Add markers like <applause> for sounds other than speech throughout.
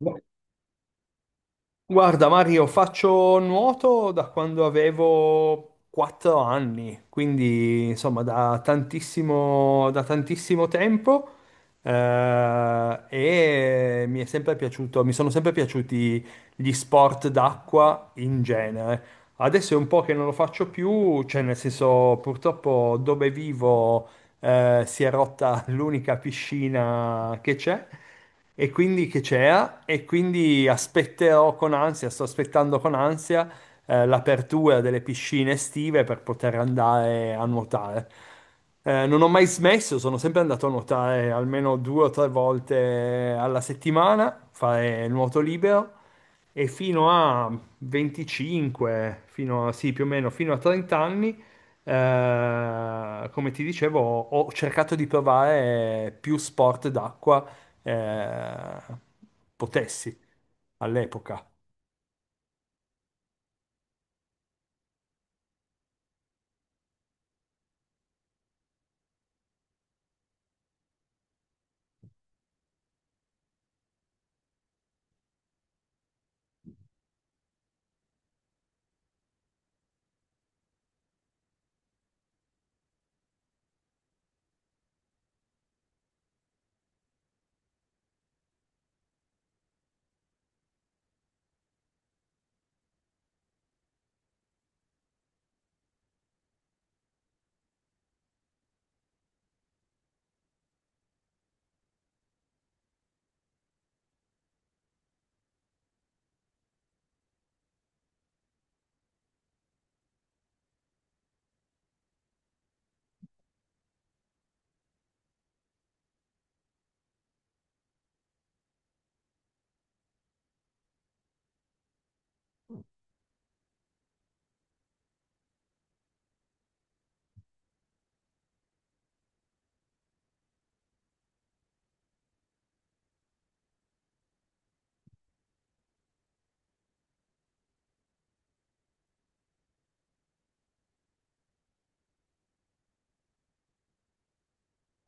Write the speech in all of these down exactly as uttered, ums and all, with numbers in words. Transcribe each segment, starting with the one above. Gu- Guarda Mario, faccio nuoto da quando avevo quattro anni, quindi insomma da tantissimo, da tantissimo tempo eh, e mi è sempre piaciuto, mi sono sempre piaciuti gli sport d'acqua in genere. Adesso è un po' che non lo faccio più, cioè nel senso purtroppo dove vivo eh, si è rotta <laughs> l'unica piscina che c'è e quindi che c'era e quindi aspetterò con ansia, sto aspettando con ansia eh, l'apertura delle piscine estive per poter andare a nuotare. Eh, non ho mai smesso, sono sempre andato a nuotare almeno due o tre volte alla settimana, fare nuoto libero e fino a venticinque, fino a, sì, più o meno fino a trenta anni eh, come ti dicevo, ho ho cercato di provare più sport d'acqua eh, potessi all'epoca.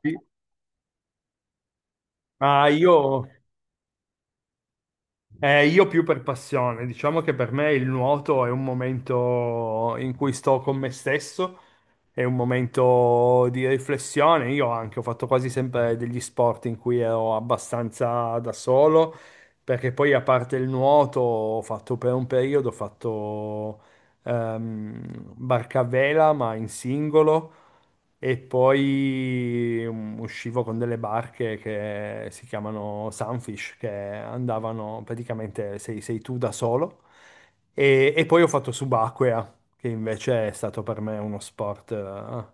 Sì. Ma io, Eh, io più per passione, diciamo che per me il nuoto è un momento in cui sto con me stesso, è un momento di riflessione. Io anche ho fatto quasi sempre degli sport in cui ero abbastanza da solo, perché poi a parte il nuoto ho fatto per un periodo, ho fatto ehm, barca a vela, ma in singolo. E poi mm, uscivo con delle barche che si chiamano Sunfish, che andavano praticamente sei, sei tu da solo. E, e poi ho fatto subacquea, che invece è stato per me uno sport eh,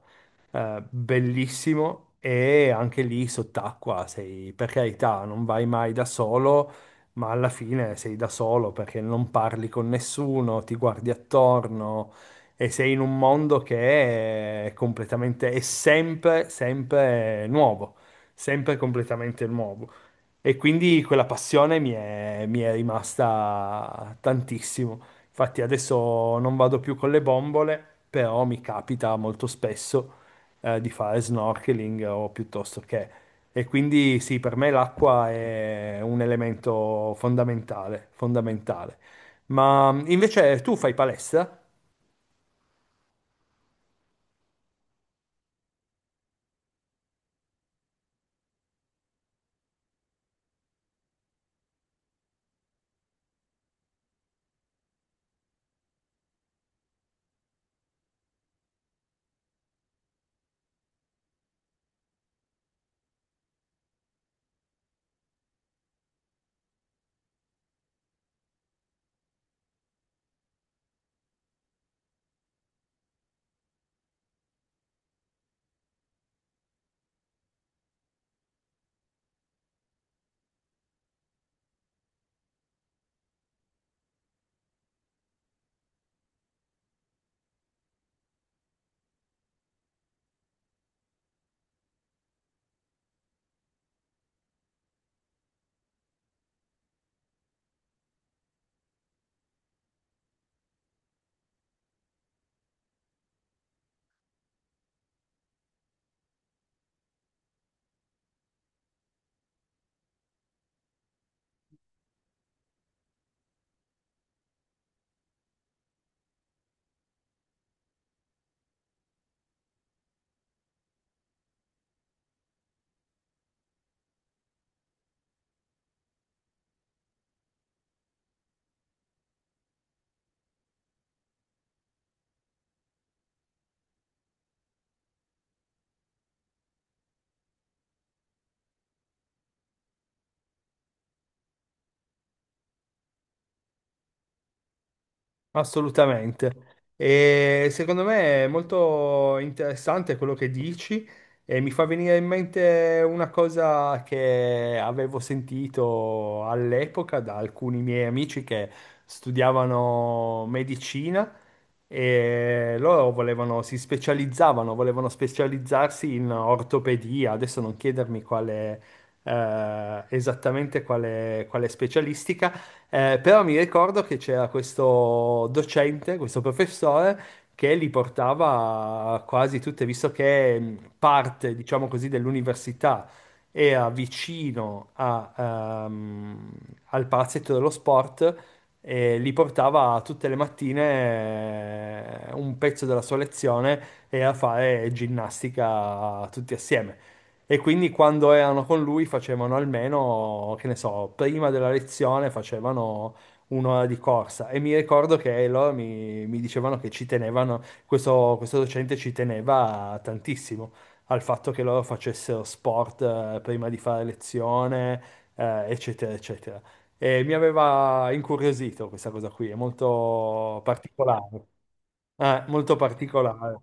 eh, bellissimo. E anche lì sott'acqua sei, per carità, non vai mai da solo, ma alla fine sei da solo perché non parli con nessuno, ti guardi attorno e sei in un mondo che è completamente, è sempre, sempre nuovo, sempre completamente nuovo. E quindi quella passione mi è, mi è rimasta tantissimo. Infatti adesso non vado più con le bombole, però mi capita molto spesso eh, di fare snorkeling o piuttosto che... E quindi sì, per me l'acqua è un elemento fondamentale, fondamentale. Ma invece tu fai palestra? Assolutamente. E secondo me è molto interessante quello che dici e mi fa venire in mente una cosa che avevo sentito all'epoca da alcuni miei amici che studiavano medicina e loro volevano, si specializzavano, volevano specializzarsi in ortopedia. Adesso non chiedermi quale, eh, esattamente quale quale specialistica eh, però mi ricordo che c'era questo docente, questo professore, che li portava quasi tutte, visto che mh, parte, diciamo così, dell'università era vicino a, ehm, al palazzetto dello sport e li portava tutte le mattine eh, un pezzo della sua lezione e a fare ginnastica tutti assieme. E quindi quando erano con lui facevano almeno, che ne so, prima della lezione facevano un'ora di corsa. E mi ricordo che loro mi, mi dicevano che ci tenevano, questo, questo docente ci teneva tantissimo al fatto che loro facessero sport eh, prima di fare lezione, eh, eccetera, eccetera. E mi aveva incuriosito questa cosa qui, è molto particolare. Eh, molto particolare.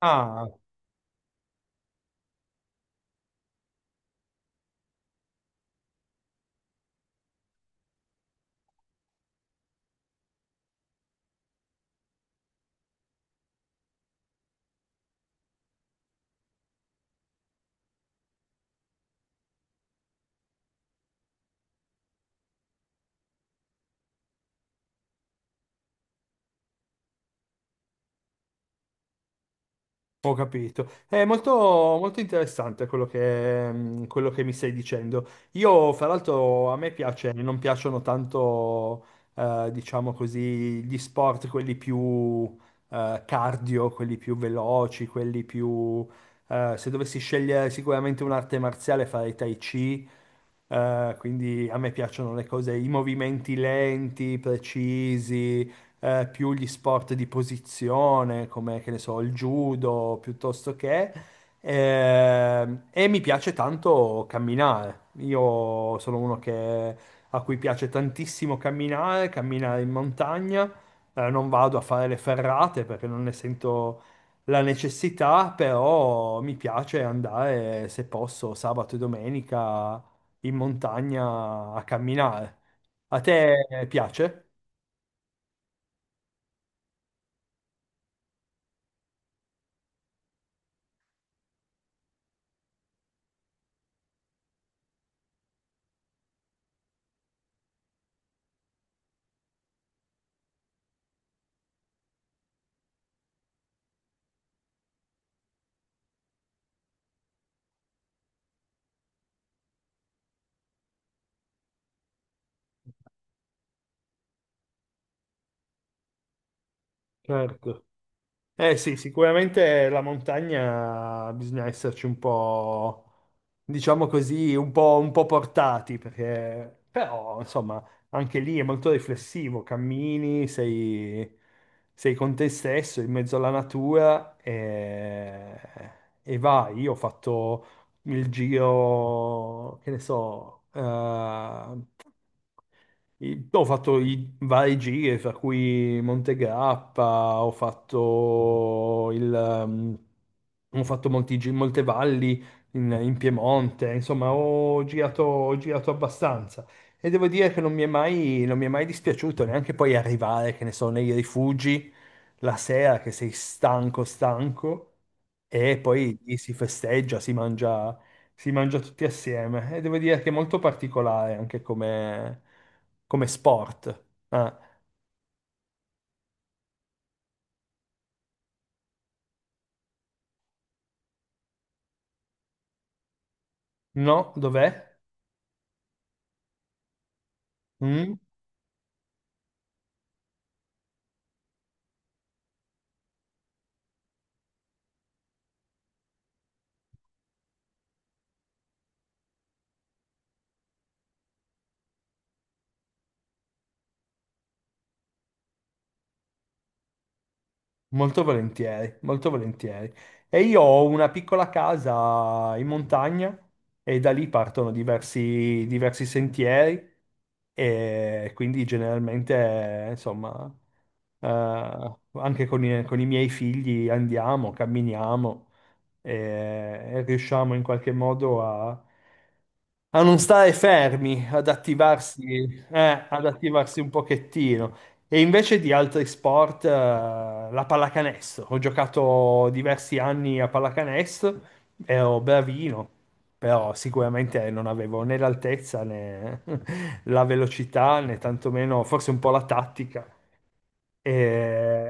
Ah, Ho capito. È molto, molto interessante quello che, mm, quello che mi stai dicendo. Io, fra l'altro, a me piace, non piacciono tanto, eh, diciamo così, gli sport, quelli più, eh, cardio, quelli più veloci, quelli più... eh, se dovessi scegliere sicuramente un'arte marziale, farei Tai Chi, eh, quindi a me piacciono le cose, i movimenti lenti, precisi, eh, più gli sport di posizione, come che ne so, il judo piuttosto che. Ehm, e mi piace tanto camminare. Io sono uno che, a cui piace tantissimo camminare, camminare in montagna. Eh, non vado a fare le ferrate perché non ne sento la necessità, però mi piace andare, se posso, sabato e domenica in montagna a camminare. A te piace? Certo. Eh sì, sicuramente la montagna bisogna esserci un po', diciamo così, un po', un po' portati, perché però, insomma, anche lì è molto riflessivo, cammini, sei, sei con te stesso, in mezzo alla natura e, e vai. Io ho fatto il giro, che ne so, eh, I- Ho fatto i varie gite, fra cui Monte Grappa, ho fatto il, ehm, ho fatto molti gi- molte valli in, in Piemonte, insomma, ho girato, ho girato abbastanza. E devo dire che non mi è mai, non mi è mai dispiaciuto neanche poi arrivare, che ne so, nei rifugi la sera che sei stanco, stanco, e poi lì si festeggia, si mangia si mangia tutti assieme e devo dire che è molto particolare anche come, come sport. Ah, no, dov'è? Mm? Molto volentieri, molto volentieri. E io ho una piccola casa in montagna e da lì partono diversi, diversi sentieri e quindi generalmente, insomma, eh, anche con i, con i miei figli andiamo, camminiamo e, e riusciamo in qualche modo a a non stare fermi, ad attivarsi, eh, ad attivarsi un pochettino. E invece di altri sport, eh, la pallacanestro. Ho giocato diversi anni a pallacanestro, ero bravino, però sicuramente non avevo né l'altezza né <laughs> la velocità, né tantomeno forse un po' la tattica. E,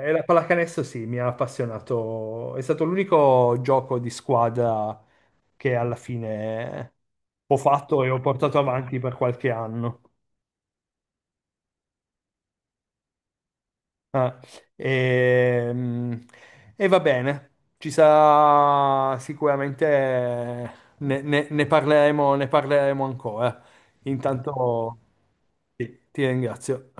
e la pallacanestro sì, mi ha appassionato. È stato l'unico gioco di squadra che alla fine ho fatto e ho portato avanti per qualche anno. Ah, e, mm, e va bene, ci sarà sicuramente eh, ne, ne- ne parleremo, ne parleremo ancora. Intanto sì, ti ringrazio.